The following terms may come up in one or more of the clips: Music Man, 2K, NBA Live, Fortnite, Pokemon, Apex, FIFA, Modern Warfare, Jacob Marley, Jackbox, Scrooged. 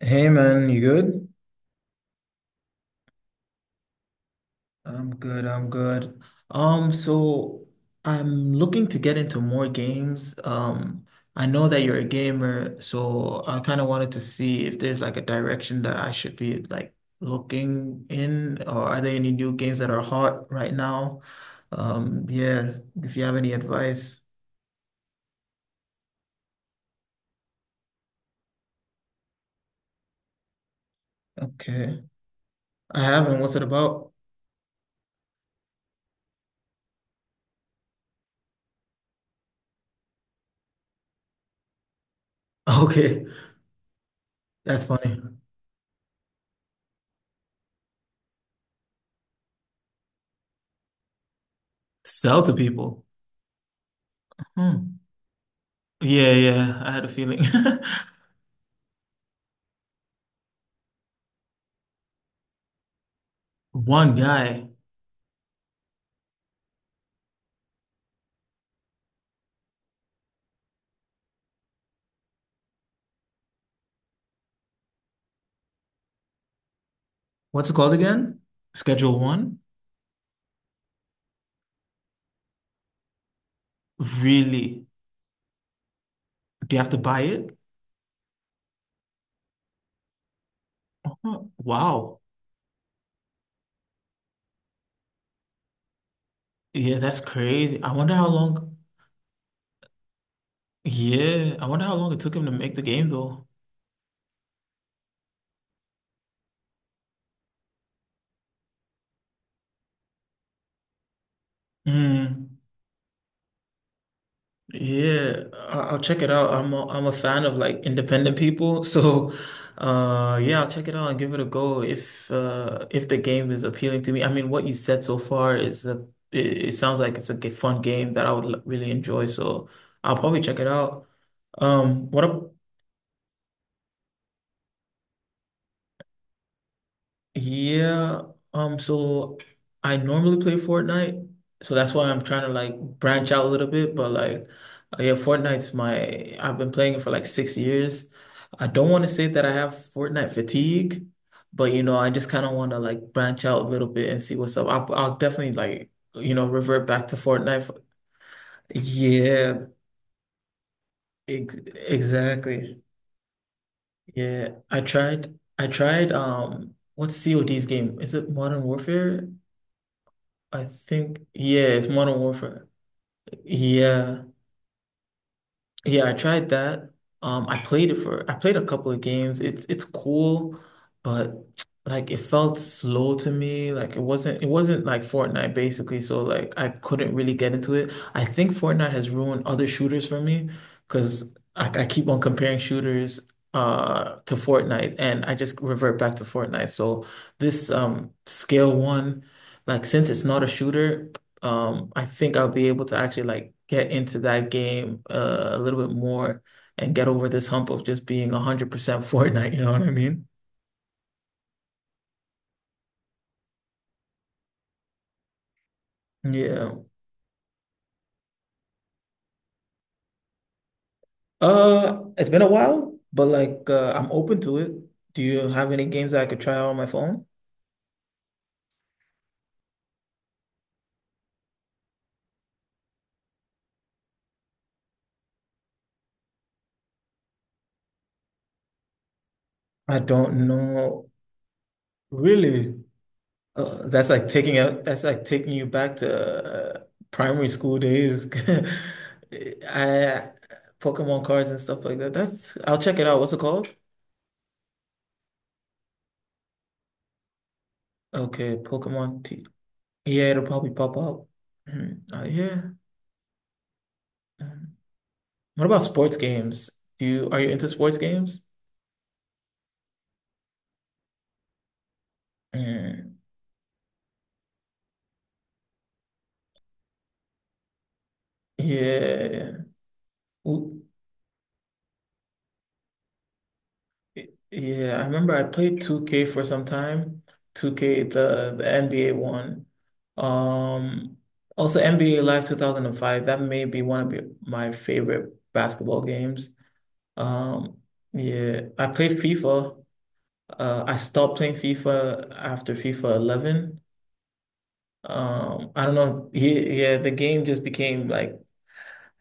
Hey man, you good? I'm good, I'm good. So I'm looking to get into more games. I know that you're a gamer, so I kind of wanted to see if there's like a direction that I should be like looking in, or are there any new games that are hot right now? Yeah, if you have any advice. Okay. I haven't. What's it about? Okay, that's funny. Sell to people. Hmm. Yeah, yeah, I had a feeling. One guy. What's it called again? Schedule one? Really? Do you have to buy it? Huh, wow. Yeah, that's crazy. I wonder how long. Yeah, I wonder how long it took him to make the game though. Mm, yeah, I'll check it out. I'm a fan of like independent people, so yeah, I'll check it out and give it a go if the game is appealing to me. I mean, what you said so far is it, it sounds like it's a fun game that I would really enjoy, so I'll probably check it out. What up? Yeah. So I normally play Fortnite, so that's why I'm trying to like branch out a little bit. But like, yeah, Fortnite's my I've been playing it for like 6 years. I don't want to say that I have Fortnite fatigue, but you know, I just kind of want to like branch out a little bit and see what's up. I'll definitely like you know revert back to Fortnite. Yeah, ex exactly. I tried. What's COD's game? Is it Modern Warfare? I think. Yeah, it's Modern Warfare. Yeah, yeah, I tried that. I played it for I played a couple of games. It's cool, but like it felt slow to me. Like it wasn't like Fortnite basically, so like I couldn't really get into it. I think Fortnite has ruined other shooters for me because I keep on comparing shooters to Fortnite and I just revert back to Fortnite. So this Scale One, like since it's not a shooter, I think I'll be able to actually like get into that game, a little bit more and get over this hump of just being 100% Fortnite, you know what I mean? Yeah. It's been a while, but like I'm open to it. Do you have any games that I could try out on my phone? I don't know. Really? That's like taking out. That's like taking you back to primary school days. I Pokemon cards and stuff like that. That's I'll check it out. What's it called? Okay, Pokemon T. Yeah, it'll probably pop up. Mm, yeah. Mm. What about sports games? Do you are you into sports games? Mm, yeah. Ooh, yeah, I remember I played 2K for some time. 2K, the NBA one. Um, also NBA Live 2005. That may be one of my favorite basketball games. Um, yeah, I played FIFA. I stopped playing FIFA after FIFA 11. I don't know. Yeah, the game just became like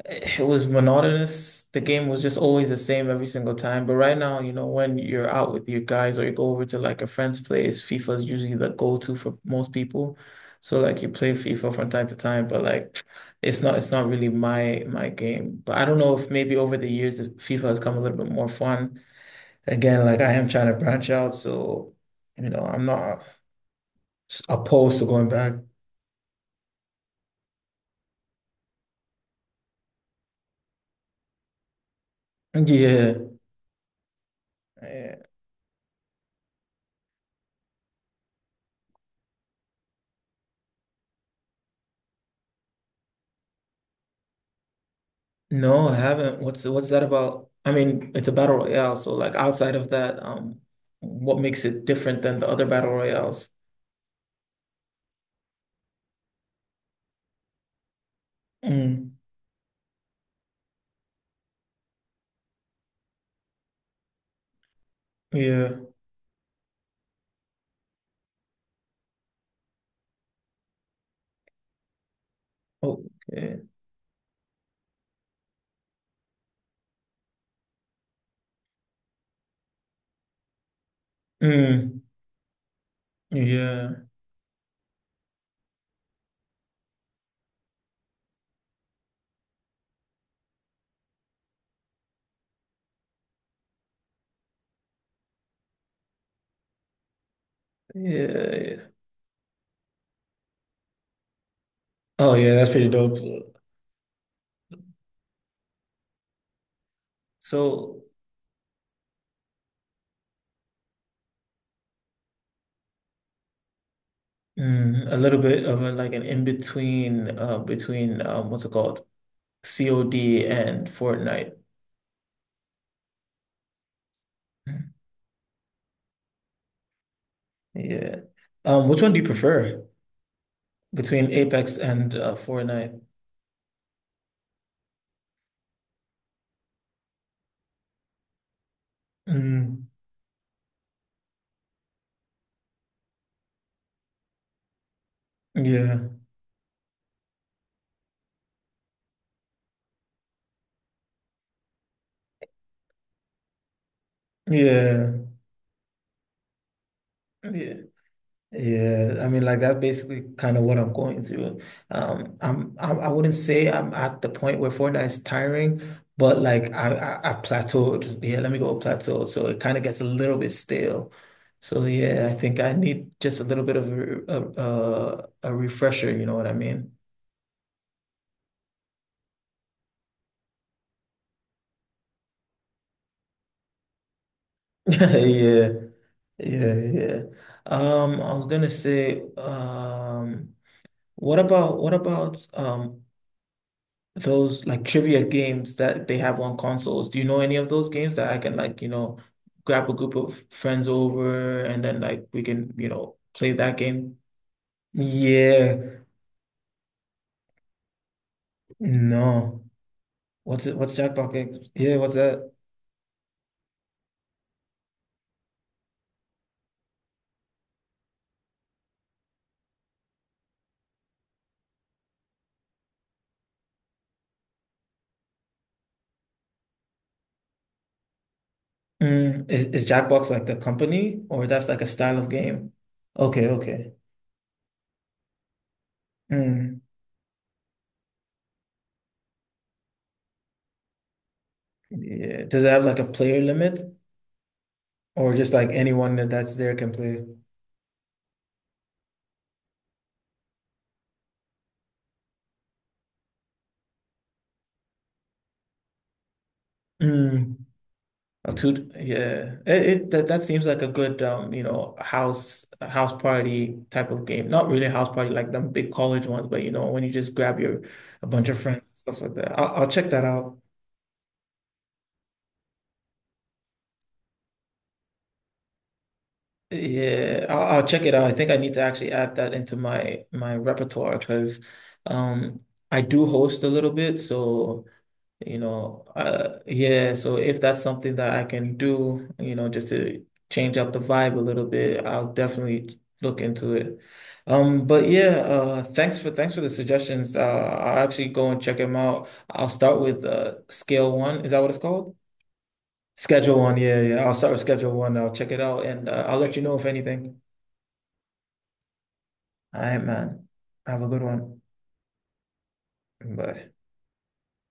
it was monotonous. The game was just always the same every single time. But right now, you know, when you're out with your guys or you go over to like a friend's place, FIFA is usually the go-to for most people. So like you play FIFA from time to time, but like it's not really my game. But I don't know if maybe over the years that FIFA has come a little bit more fun. Again, like I am trying to branch out, so you know, I'm not opposed to going back. Yeah. Yeah. No, I haven't. What's that about? I mean, it's a battle royale, so like outside of that, what makes it different than the other battle royales? Mm, yeah. Okay. Mm, yeah. Yeah, yeah. Oh yeah, that's pretty dope. So, mm, a little bit of like an in between, between what's it called? COD and Fortnite. Yeah. Which one do you prefer between Apex and Fortnite? Mm, yeah. Yeah, yeah, yeah. I mean, like that's basically kind of what I'm going through. I wouldn't say I'm at the point where Fortnite is tiring, but I plateaued. Yeah, let me go plateau. So it kind of gets a little bit stale. So yeah, I think I need just a little bit of a refresher. You know what I mean? Yeah, yeah, yeah. I was gonna say, what about those like trivia games that they have on consoles. Do you know any of those games that I can like, you know, grab a group of friends over and then like we can, you know, play that game? Yeah. No. What's it? What's Jackbox games? Yeah, what's that? Mm, is Jackbox like the company or that's like a style of game? Okay, okay. Mm, yeah. Does it have like a player limit or just like anyone that's there can play? Mm. Oh, two, yeah. It that that seems like a good, you know, house party type of game. Not really a house party like them big college ones, but you know, when you just grab your a bunch of friends and stuff like that. I'll check that out. Yeah, I'll check it out. I think I need to actually add that into my repertoire because um I do host a little bit, so you know, yeah, so if that's something that I can do, you know, just to change up the vibe a little bit, I'll definitely look into it. But yeah, thanks for thanks for the suggestions. I'll actually go and check them out. I'll start with scale one. Is that what it's called? Schedule one. Yeah, yeah. I'll start with schedule one. I'll check it out and I'll let you know if anything. All right, man. Have a good one. Bye.